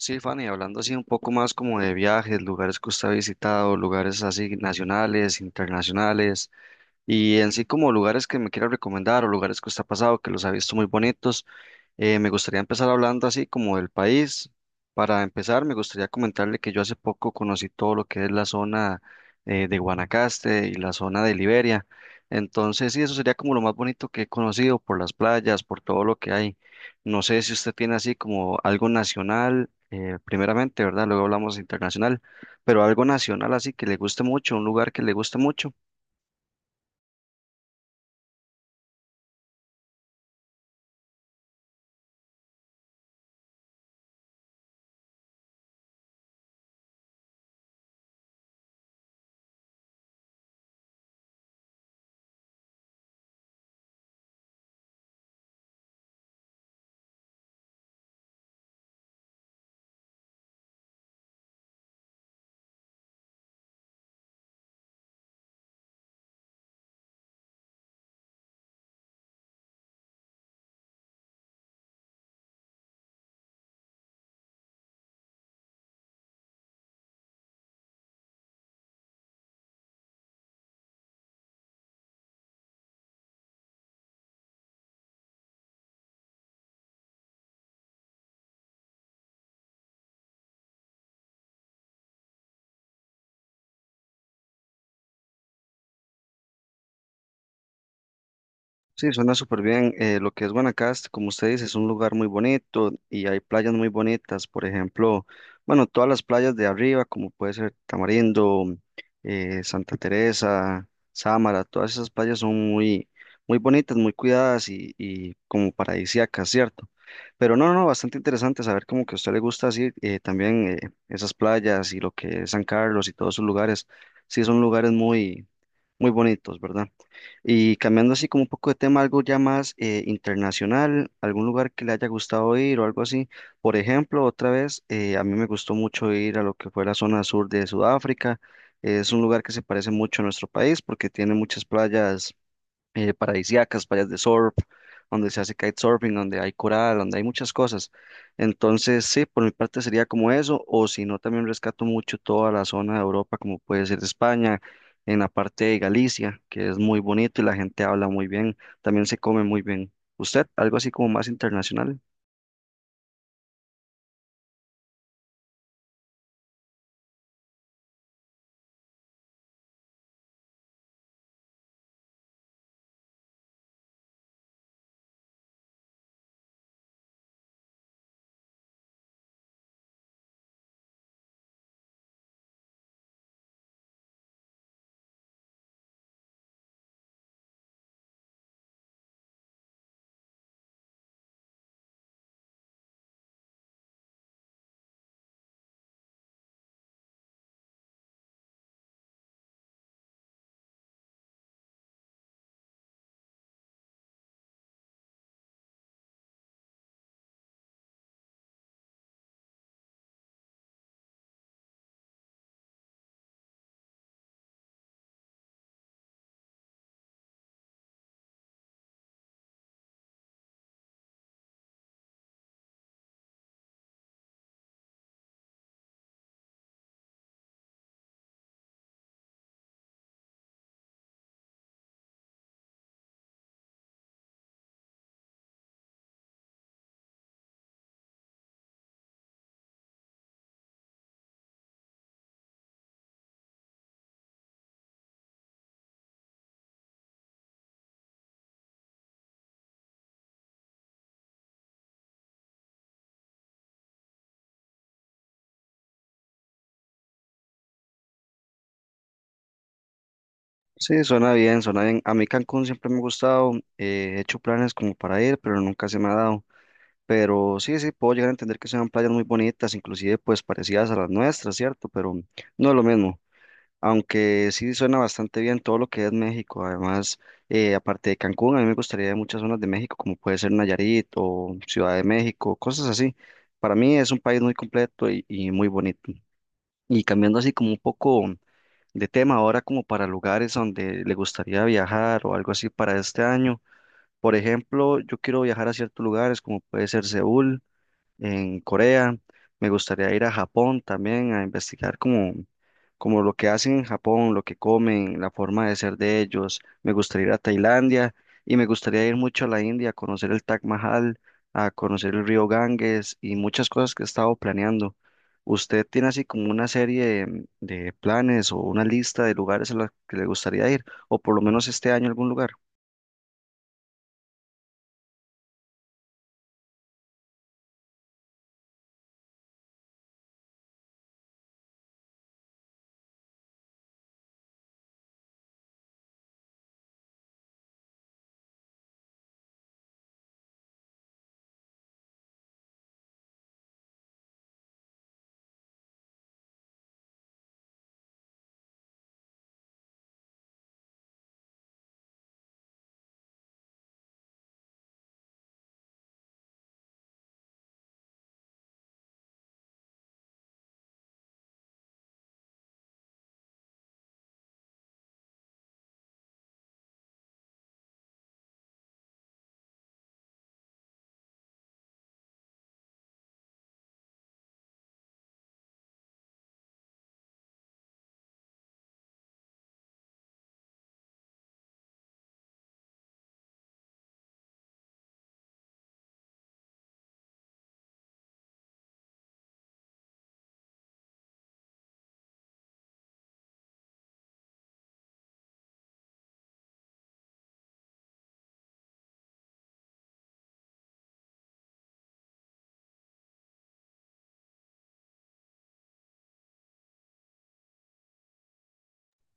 Sí, Fanny, hablando así un poco más como de viajes, lugares que usted ha visitado, lugares así nacionales, internacionales, y en sí como lugares que me quiera recomendar o lugares que usted ha pasado que los ha visto muy bonitos. Me gustaría empezar hablando así como del país. Para empezar, me gustaría comentarle que yo hace poco conocí todo lo que es la zona de Guanacaste y la zona de Liberia. Entonces, sí, eso sería como lo más bonito que he conocido por las playas, por todo lo que hay. No sé si usted tiene así como algo nacional, primeramente, ¿verdad? Luego hablamos internacional, pero algo nacional así que le guste mucho, un lugar que le guste mucho. Sí, suena súper bien. Lo que es Guanacaste, como usted dice, es un lugar muy bonito y hay playas muy bonitas. Por ejemplo, bueno, todas las playas de arriba, como puede ser Tamarindo, Santa Teresa, Sámara, todas esas playas son muy bonitas, muy cuidadas y como paradisíacas, ¿cierto? Pero no, no, no, bastante interesante saber como que a usted le gusta así también esas playas y lo que es San Carlos y todos sus lugares. Sí, son lugares muy bonitos, ¿verdad? Y cambiando así como un poco de tema, algo ya más internacional, algún lugar que le haya gustado ir o algo así. Por ejemplo, otra vez, a mí me gustó mucho ir a lo que fue la zona sur de Sudáfrica. Es un lugar que se parece mucho a nuestro país porque tiene muchas playas paradisíacas, playas de surf, donde se hace kitesurfing, donde hay coral, donde hay muchas cosas. Entonces, sí, por mi parte sería como eso, o si no, también rescato mucho toda la zona de Europa, como puede ser España, en la parte de Galicia, que es muy bonito y la gente habla muy bien, también se come muy bien. ¿Usted, algo así como más internacional? Sí, suena bien, suena bien. A mí Cancún siempre me ha gustado, he hecho planes como para ir, pero nunca se me ha dado. Pero sí, sí, puedo llegar a entender que sean playas muy bonitas, inclusive pues parecidas a las nuestras, ¿cierto? Pero no es lo mismo, aunque sí suena bastante bien todo lo que es México. Además, aparte de Cancún, a mí me gustaría ir a muchas zonas de México, como puede ser Nayarit o Ciudad de México, cosas así. Para mí es un país muy completo y muy bonito. Y cambiando así como un poco de tema, ahora como para lugares donde le gustaría viajar o algo así para este año. Por ejemplo, yo quiero viajar a ciertos lugares como puede ser Seúl en Corea. Me gustaría ir a Japón también a investigar como lo que hacen en Japón, lo que comen, la forma de ser de ellos. Me gustaría ir a Tailandia y me gustaría ir mucho a la India a conocer el Taj Mahal, a conocer el río Ganges y muchas cosas que he estado planeando. ¿Usted tiene así como una serie de planes o una lista de lugares a los que le gustaría ir o por lo menos este año algún lugar?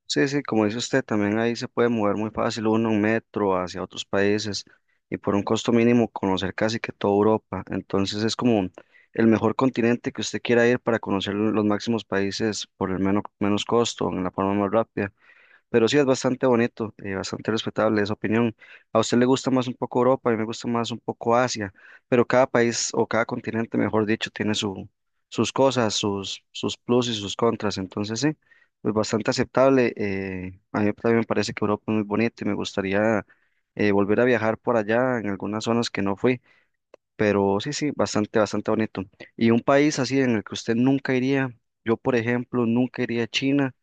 Sí, sí, como dice usted, también ahí se puede mover muy fácil uno en metro hacia otros países y por un costo mínimo conocer casi que toda Europa. Entonces es como el mejor continente que usted quiera ir para conocer los máximos países por el menos costo, en la forma más rápida. Pero sí es bastante bonito, bastante respetable esa opinión. A usted le gusta más un poco Europa, a mí me gusta más un poco Asia, pero cada país o cada continente, mejor dicho, tiene sus cosas, sus plus y sus contras. Entonces sí, pues bastante aceptable. A mí también me parece que Europa es muy bonita y me gustaría volver a viajar por allá en algunas zonas que no fui. Pero sí, sí, bastante, bastante bonito. Y un país así en el que usted nunca iría, yo por ejemplo nunca iría a China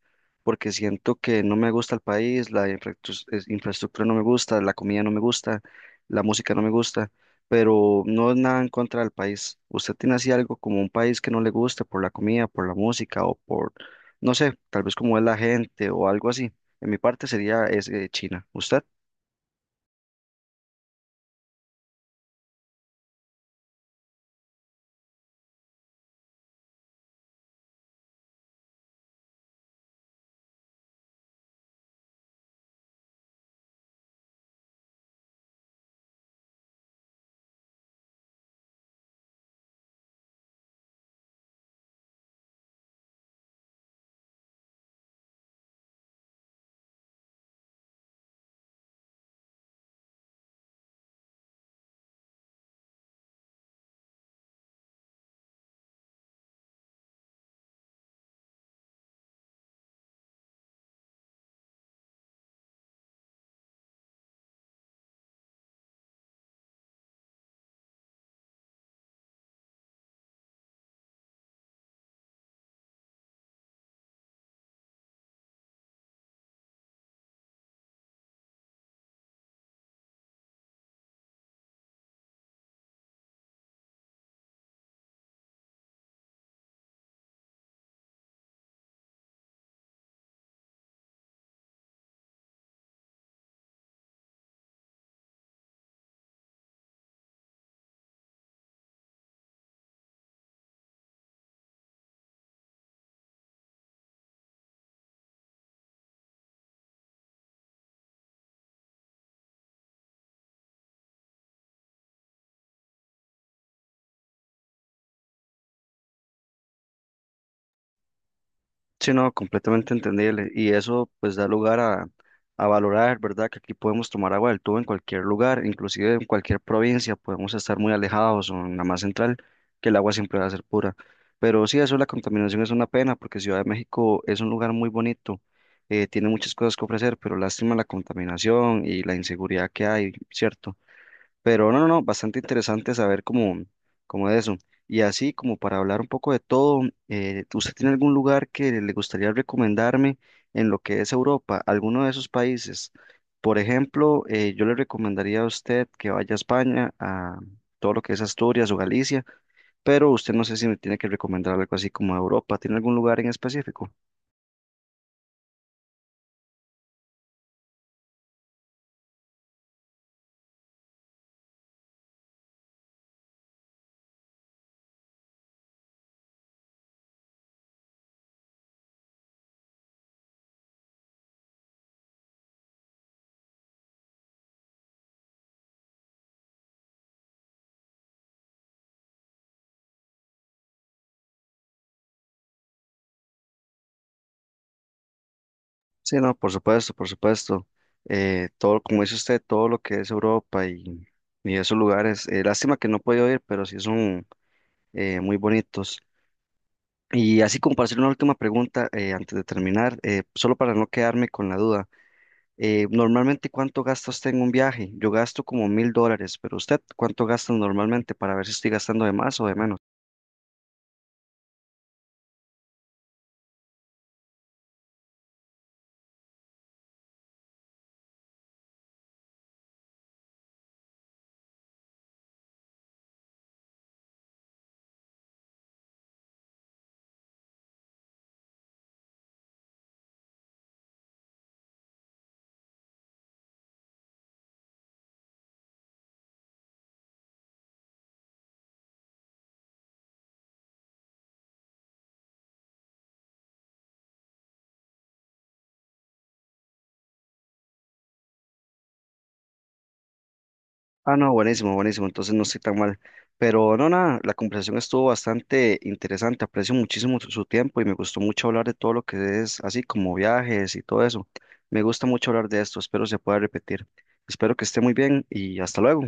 porque siento que no me gusta el país, infraestructura no me gusta, la comida no me gusta, la música no me gusta, pero no es nada en contra del país. ¿Usted tiene así algo como un país que no le guste por la comida, por la música o por, no sé, tal vez como es la gente o algo así? En mi parte sería China. ¿Usted? Sí, no, completamente entendible. Y eso pues da lugar a valorar, ¿verdad? Que aquí podemos tomar agua del tubo en cualquier lugar, inclusive en cualquier provincia, podemos estar muy alejados o en la más central, que el agua siempre va a ser pura. Pero sí, eso de la contaminación es una pena, porque Ciudad de México es un lugar muy bonito, tiene muchas cosas que ofrecer, pero lástima la contaminación y la inseguridad que hay, ¿cierto? Pero no, no, no, bastante interesante saber cómo, cómo es eso. Y así como para hablar un poco de todo, ¿usted tiene algún lugar que le gustaría recomendarme en lo que es Europa, alguno de esos países? Por ejemplo, yo le recomendaría a usted que vaya a España, a todo lo que es Asturias o Galicia, pero usted no sé si me tiene que recomendar algo así como Europa. ¿Tiene algún lugar en específico? Sí, no, por supuesto, por supuesto. Todo, como dice usted, todo lo que es Europa y esos lugares, lástima que no he podido ir, pero sí son muy bonitos. Y así como para hacer una última pregunta antes de terminar, solo para no quedarme con la duda, normalmente ¿cuánto gasta usted en un viaje? Yo gasto como $1000, pero usted ¿cuánto gasta normalmente para ver si estoy gastando de más o de menos? Ah, no, buenísimo, buenísimo. Entonces no estoy tan mal. Pero no, nada, la conversación estuvo bastante interesante. Aprecio muchísimo su tiempo y me gustó mucho hablar de todo lo que es así como viajes y todo eso. Me gusta mucho hablar de esto. Espero se pueda repetir. Espero que esté muy bien y hasta luego.